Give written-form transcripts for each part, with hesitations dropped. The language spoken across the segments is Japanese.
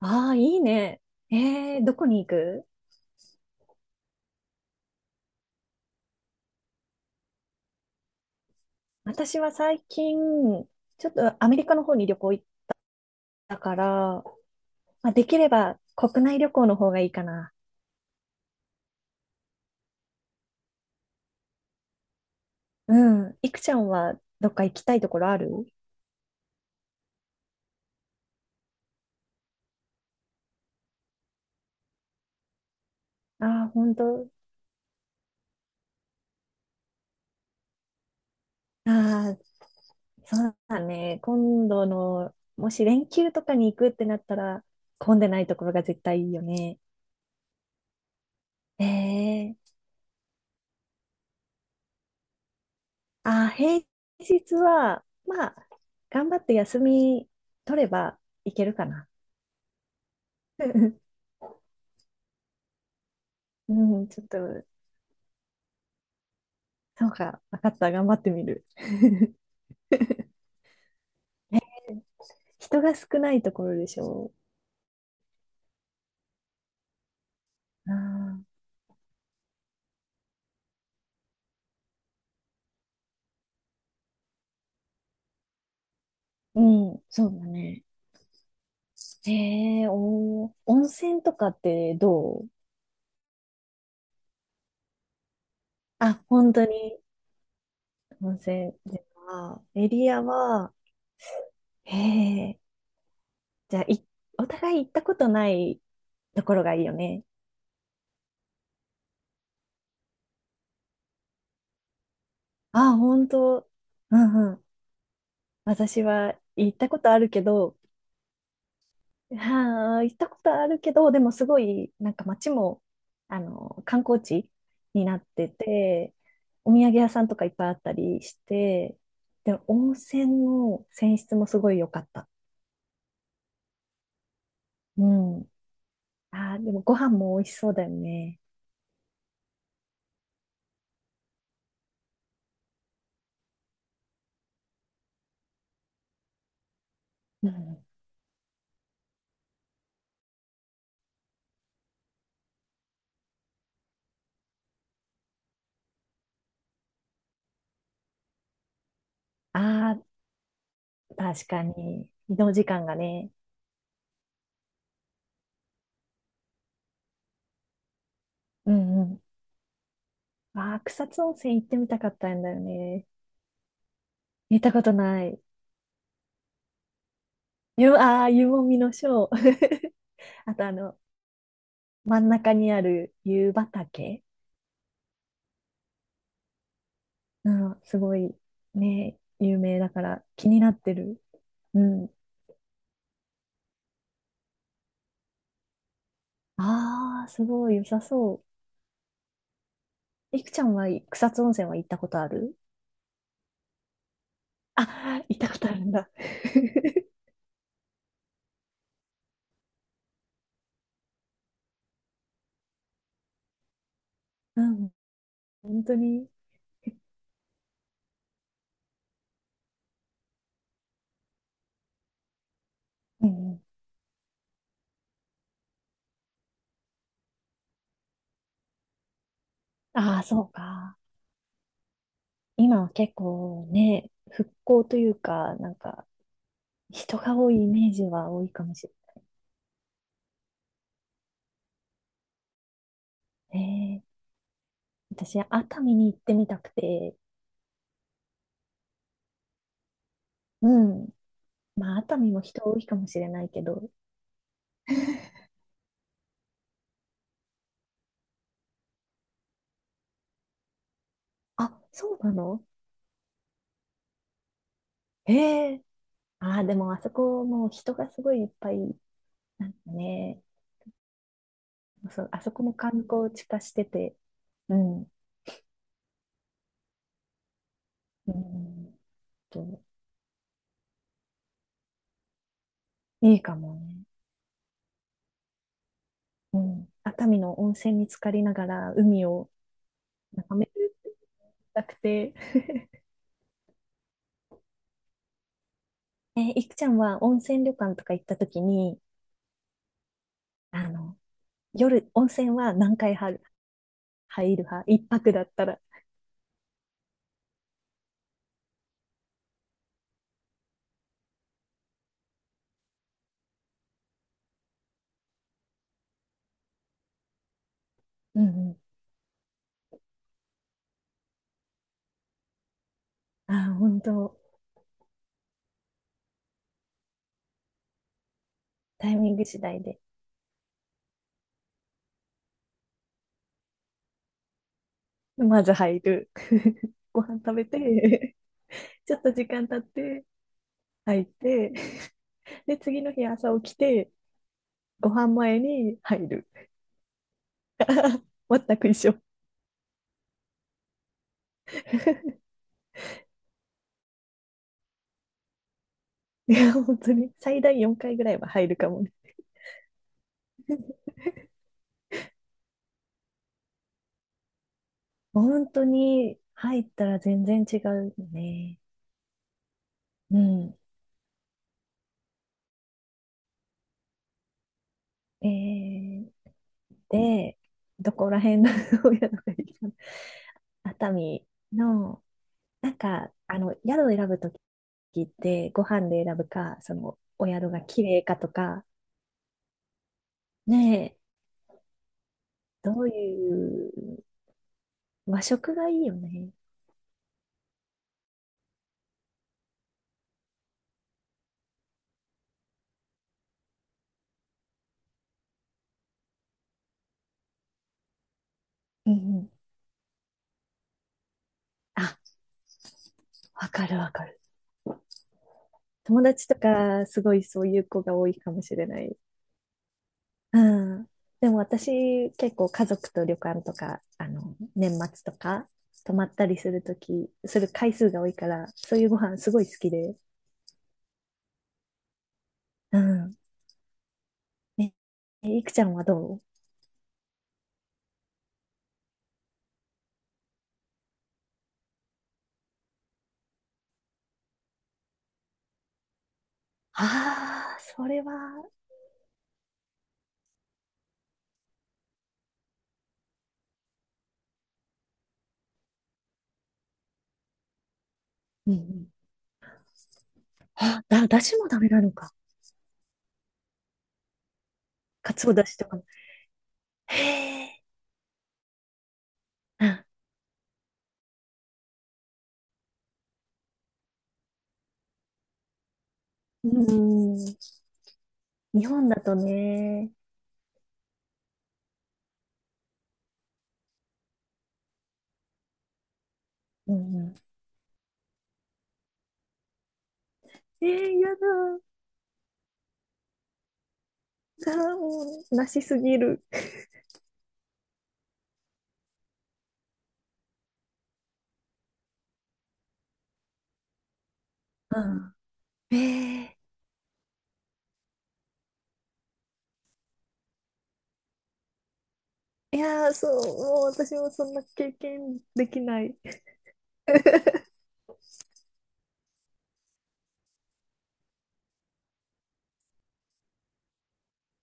ああ、いいね。どこに行く？私は最近、ちょっとアメリカの方に旅行行ったから、まあ、できれば国内旅行の方がいいかな。うん。いくちゃんはどっか行きたいところある？ああー、本当。ああ、そうだね。今度の、もし連休とかに行くってなったら、混んでないところが絶対いいよね。ええ平日は、まあ、頑張って休み取ればいけるかな。うん、ちょっと、そうか、分かった、頑張ってみる。人が少ないところでしょう。うん、そうだね。温泉とかってどう？あ、本当に？温泉では、エリアは、えー、じゃあ、お互い行ったことないところがいいよね。あ、本当。うんうん。私は行ったことあるけど、はあ、行ったことあるけど、でもすごい、なんか街も、観光地になってて、お土産屋さんとかいっぱいあったりして、で、温泉の泉質もすごい良かった。うん。ああ、でもご飯も美味しそうだよね。うん。ああ、確かに。移動時間がね。うんうん。ああ、草津温泉行ってみたかったんだよね。行ったことない。ああ、湯もみのショー。あと真ん中にある湯畑、うん、すごいね、有名だから気になってる。うん。ああ、すごい良さそう。いくちゃんは草津温泉は行ったことある？あ、行ったことあるんだ。うん、本当に。うんうん。ああ、そうか。今は結構ね、復興というか、なんか人が多いイメージは多いかもしれないね。私、熱海に行ってみたくて、うん。まあ、熱海も人多いかもしれないけど。あ、そうなの？へえ。ああ、でもあそこもう人がすごいいっぱい、なんかね、そう、あそこも観光地化してて、うん、うんと、いいかもね。うん。熱海の温泉に浸かりながら海を眺めたくて。いくちゃんは温泉旅館とか行った時に、あの、夜、温泉は何回入る派、一泊だったら？うんうん。ああ、本当？タイミング次第で。まず入る。ご飯食べて、ちょっと時間経って入って、で、次の日朝起きて、ご飯前に入る。全く一緒。いや、本当に最大4回ぐらいは入るかもね。本当に入ったら全然違うよね。うん。えー、で、どこら辺の 親のがいいかな？熱海の。なんか、宿を選ぶときって、ご飯で選ぶか、お宿が綺麗かとか、ねえ、どういう、和食がいいよね。うんうん。あ、わかるわかる。友達とか、すごいそういう子が多いかもしれない。うん。でも私、結構家族と旅館とか、年末とか、泊まったりするとき、する回数が多いから、そういうご飯すごい好きで。うん。え、いくちゃんはどう？ああ、それは、うんうん。あ、だしもダメなのか。かつおだしとかも。へえ。あうんうん。日本だとね。うんうん。やだ。もう、なしすぎる。うん。えいやー、そう、もう私もそんな経験できない。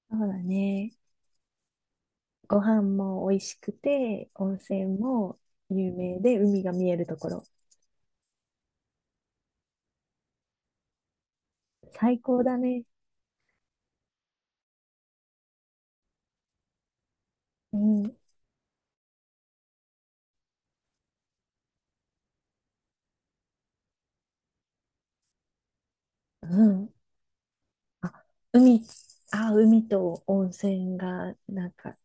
そうだね。ご飯も美味しくて、温泉も有名で、海が見えるところ。最高だね。うん。うん。あ、海、海と温泉が、なんか、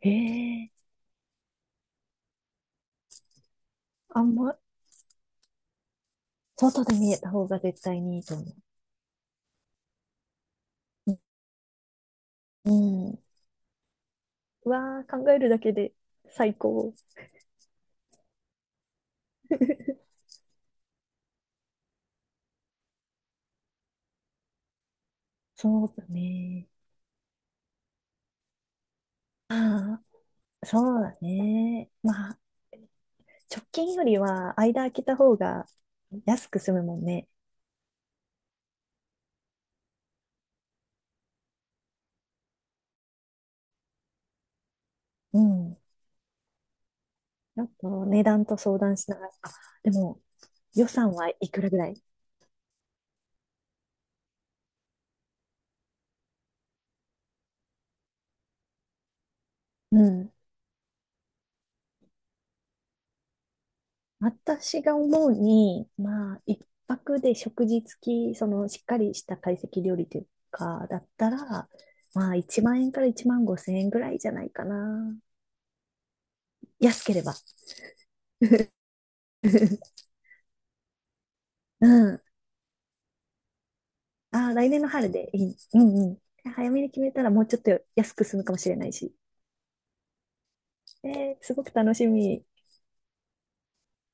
へえ、あんま、外で見えた方が絶対にいいと思う。うん。うわあ、考えるだけで最高。そうだね。ああ、そうだね。まあ、直近よりは間空けた方が安く済むもんね。うん。ちょっと値段と相談しながら。あ、でも予算はいくらぐらい？うん。私が思うに、まあ、一泊で食事付き、しっかりした懐石料理というか、だったら、まあ、1万円から1万5千円ぐらいじゃないかな。安ければ。うん。ああ、来年の春でいい。うんうん。早めに決めたらもうちょっと安く済むかもしれないし。えすごく楽しみ。